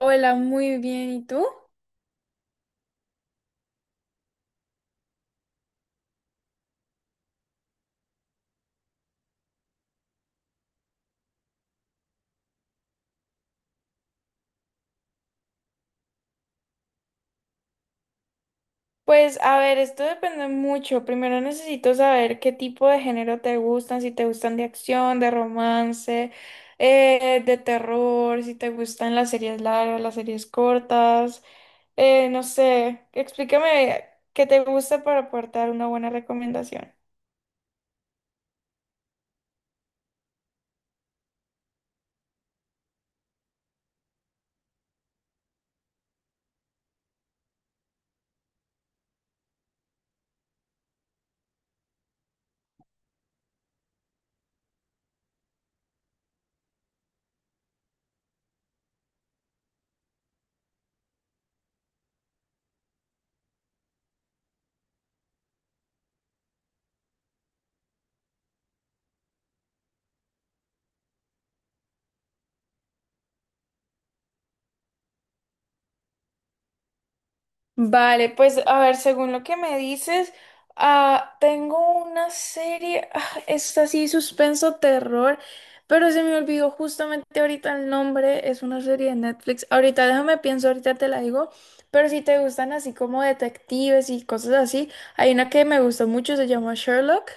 Hola, muy bien. ¿Y tú? Pues a ver, esto depende mucho. Primero necesito saber qué tipo de género te gustan, si te gustan de acción, de romance, de terror, si te gustan las series largas, las series cortas, no sé, explícame qué te gusta para aportar una buena recomendación. Vale, pues a ver, según lo que me dices, ah, tengo una serie, ah, es así suspenso terror, pero se me olvidó justamente ahorita el nombre, es una serie de Netflix. Ahorita déjame pienso, ahorita te la digo, pero si te gustan así como detectives y cosas así, hay una que me gustó mucho, se llama Sherlock.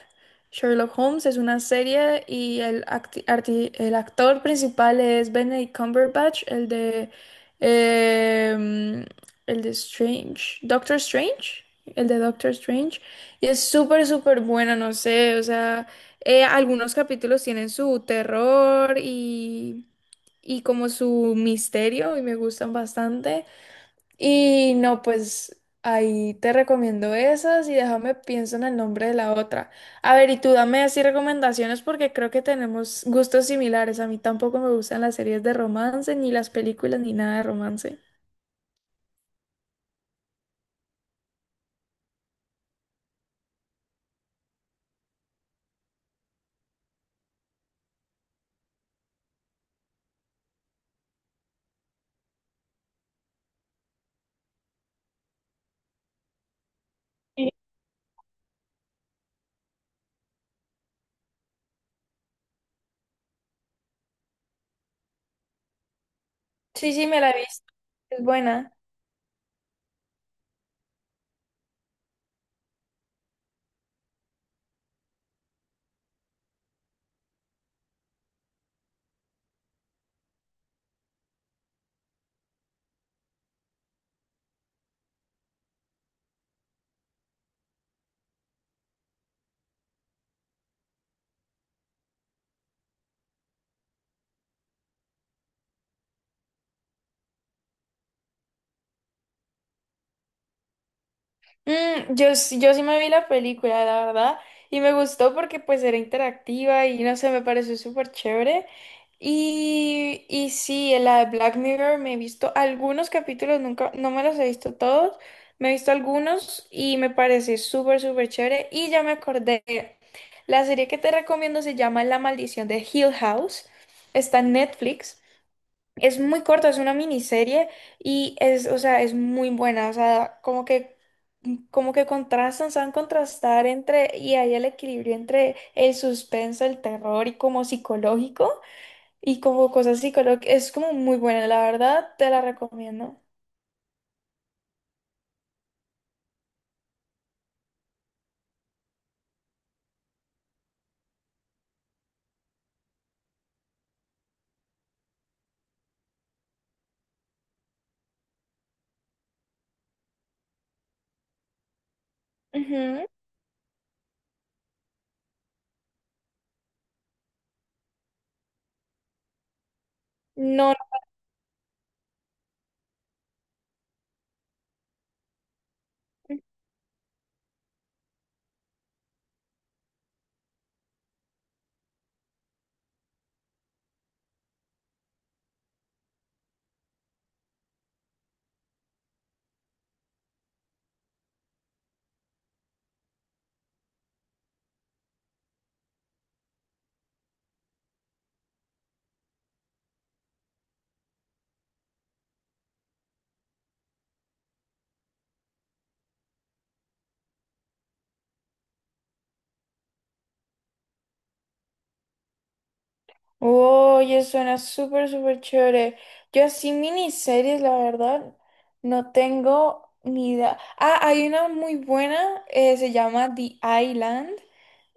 Sherlock Holmes es una serie y el actor principal es Benedict Cumberbatch, el de... em, el de Strange. Doctor Strange. El de Doctor Strange. Y es súper, súper buena, no sé. O sea, algunos capítulos tienen su terror y como su misterio y me gustan bastante. Y no, pues ahí te recomiendo esas y déjame pienso en el nombre de la otra. A ver, y tú dame así recomendaciones porque creo que tenemos gustos similares. A mí tampoco me gustan las series de romance, ni las películas, ni nada de romance. Sí, sí, sí, me la he visto. Es buena. Mm, yo, sí- yo sí me vi la película, la verdad, y me gustó porque pues era interactiva y no sé, me pareció súper chévere. Y sí, en la de Black Mirror me he visto algunos capítulos, nunca, no me los he visto todos, me he visto algunos y me parece súper, súper chévere. Y ya me acordé, la serie que te recomiendo se llama La Maldición de Hill House, está en Netflix. Es muy corta, es una miniserie y es, o sea, es muy buena, o sea, como que contrastan, saben contrastar entre, y hay el equilibrio entre el suspenso, el terror y como psicológico, y como cosas psicológicas, es como muy buena, la verdad, te la recomiendo. Ujú. No, oye, suena súper, súper chévere. Yo así miniseries, la verdad, no tengo ni idea. Ah, hay una muy buena, se llama The Island.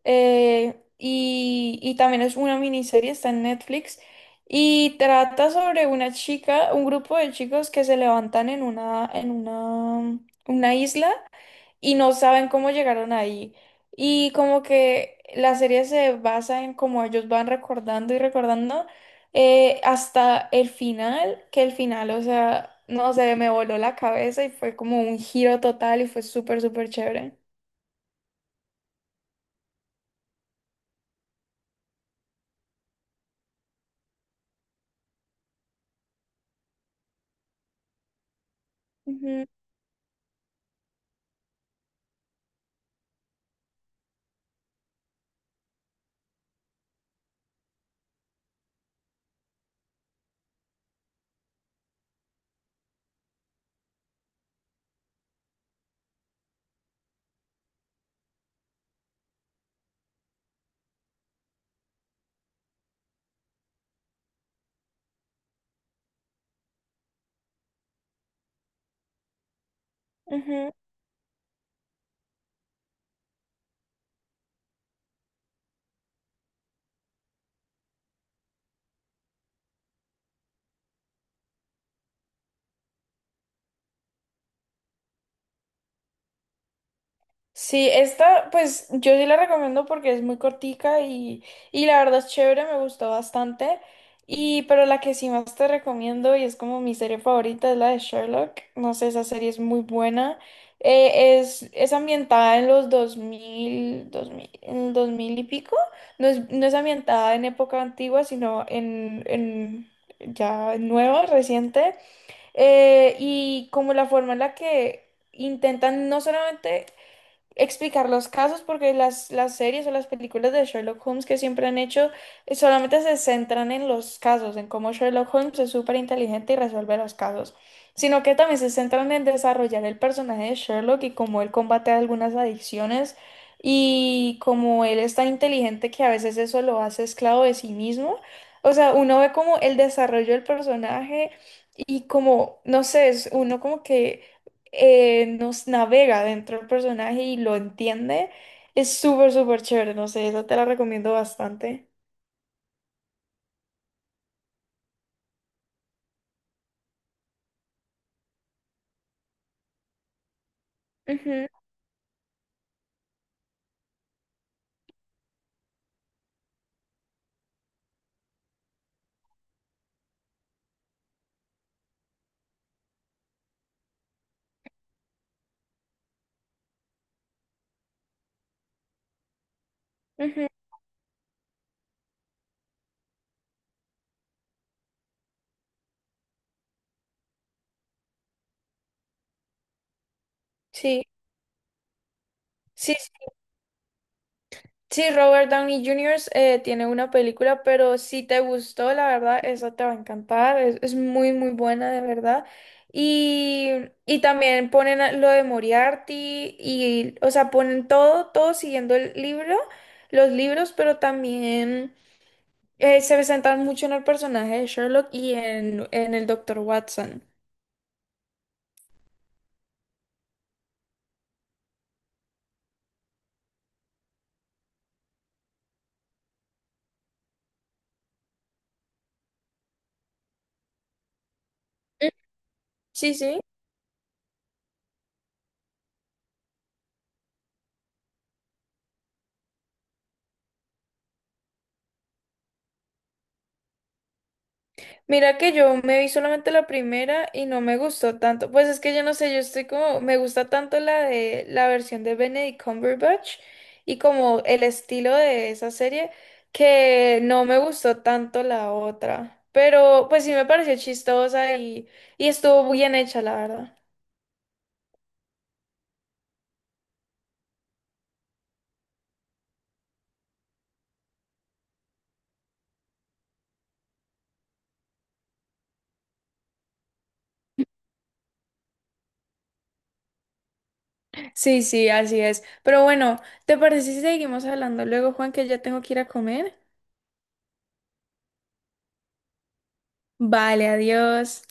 Y, y también es una miniserie, está en Netflix, y trata sobre una chica, un grupo de chicos que se levantan en una isla y no saben cómo llegaron ahí. Y como que la serie se basa en cómo ellos van recordando y recordando hasta el final, que el final, o sea, no sé, me voló la cabeza y fue como un giro total y fue súper, súper chévere. Ujú, ujú. Sí, esta pues yo sí la recomiendo porque es muy cortica y la verdad es chévere, me gustó bastante. Y pero la que sí más te recomiendo y es como mi serie favorita es la de Sherlock. No sé, esa serie es muy buena. Es ambientada en los dos mil, en 2000 y pico. No es, no es ambientada en época antigua, sino en ya nueva, reciente. Y como la forma en la que intentan no solamente explicar los casos porque las series o las películas de Sherlock Holmes que siempre han hecho solamente se centran en los casos, en cómo Sherlock Holmes es súper inteligente y resuelve los casos, sino que también se centran en desarrollar el personaje de Sherlock y cómo él combate algunas adicciones y cómo él es tan inteligente que a veces eso lo hace esclavo de sí mismo. O sea, uno ve como el desarrollo del personaje y como, no sé, es uno como que nos navega dentro del personaje y lo entiende, es súper, súper chévere. No sé, esa te la recomiendo bastante. Ujú, ujú. Sí, sí, sí, sí, Robert Downey Jr. Tiene una película, pero si te gustó, la verdad, esa te va a encantar. Es muy, muy buena, de verdad. Y, y también ponen lo de Moriarty y, o sea, ponen todo, todo siguiendo el libro, los libros, pero también... Se presentan mucho en el personaje de Sherlock y en el Doctor Watson. Mm. Sí, sí. Mira que yo me vi solamente la primera y no me gustó tanto. Pues es que yo no sé, yo estoy como, me gusta tanto la de la versión de Benedict Cumberbatch y como el estilo de esa serie que no me gustó tanto la otra. Pero pues sí me pareció chistosa y estuvo bien hecha, la verdad. Sí, sí, así es. Pero bueno, ¿te parece si seguimos hablando luego, Juan, que ya tengo que ir a comer? Vale, adiós.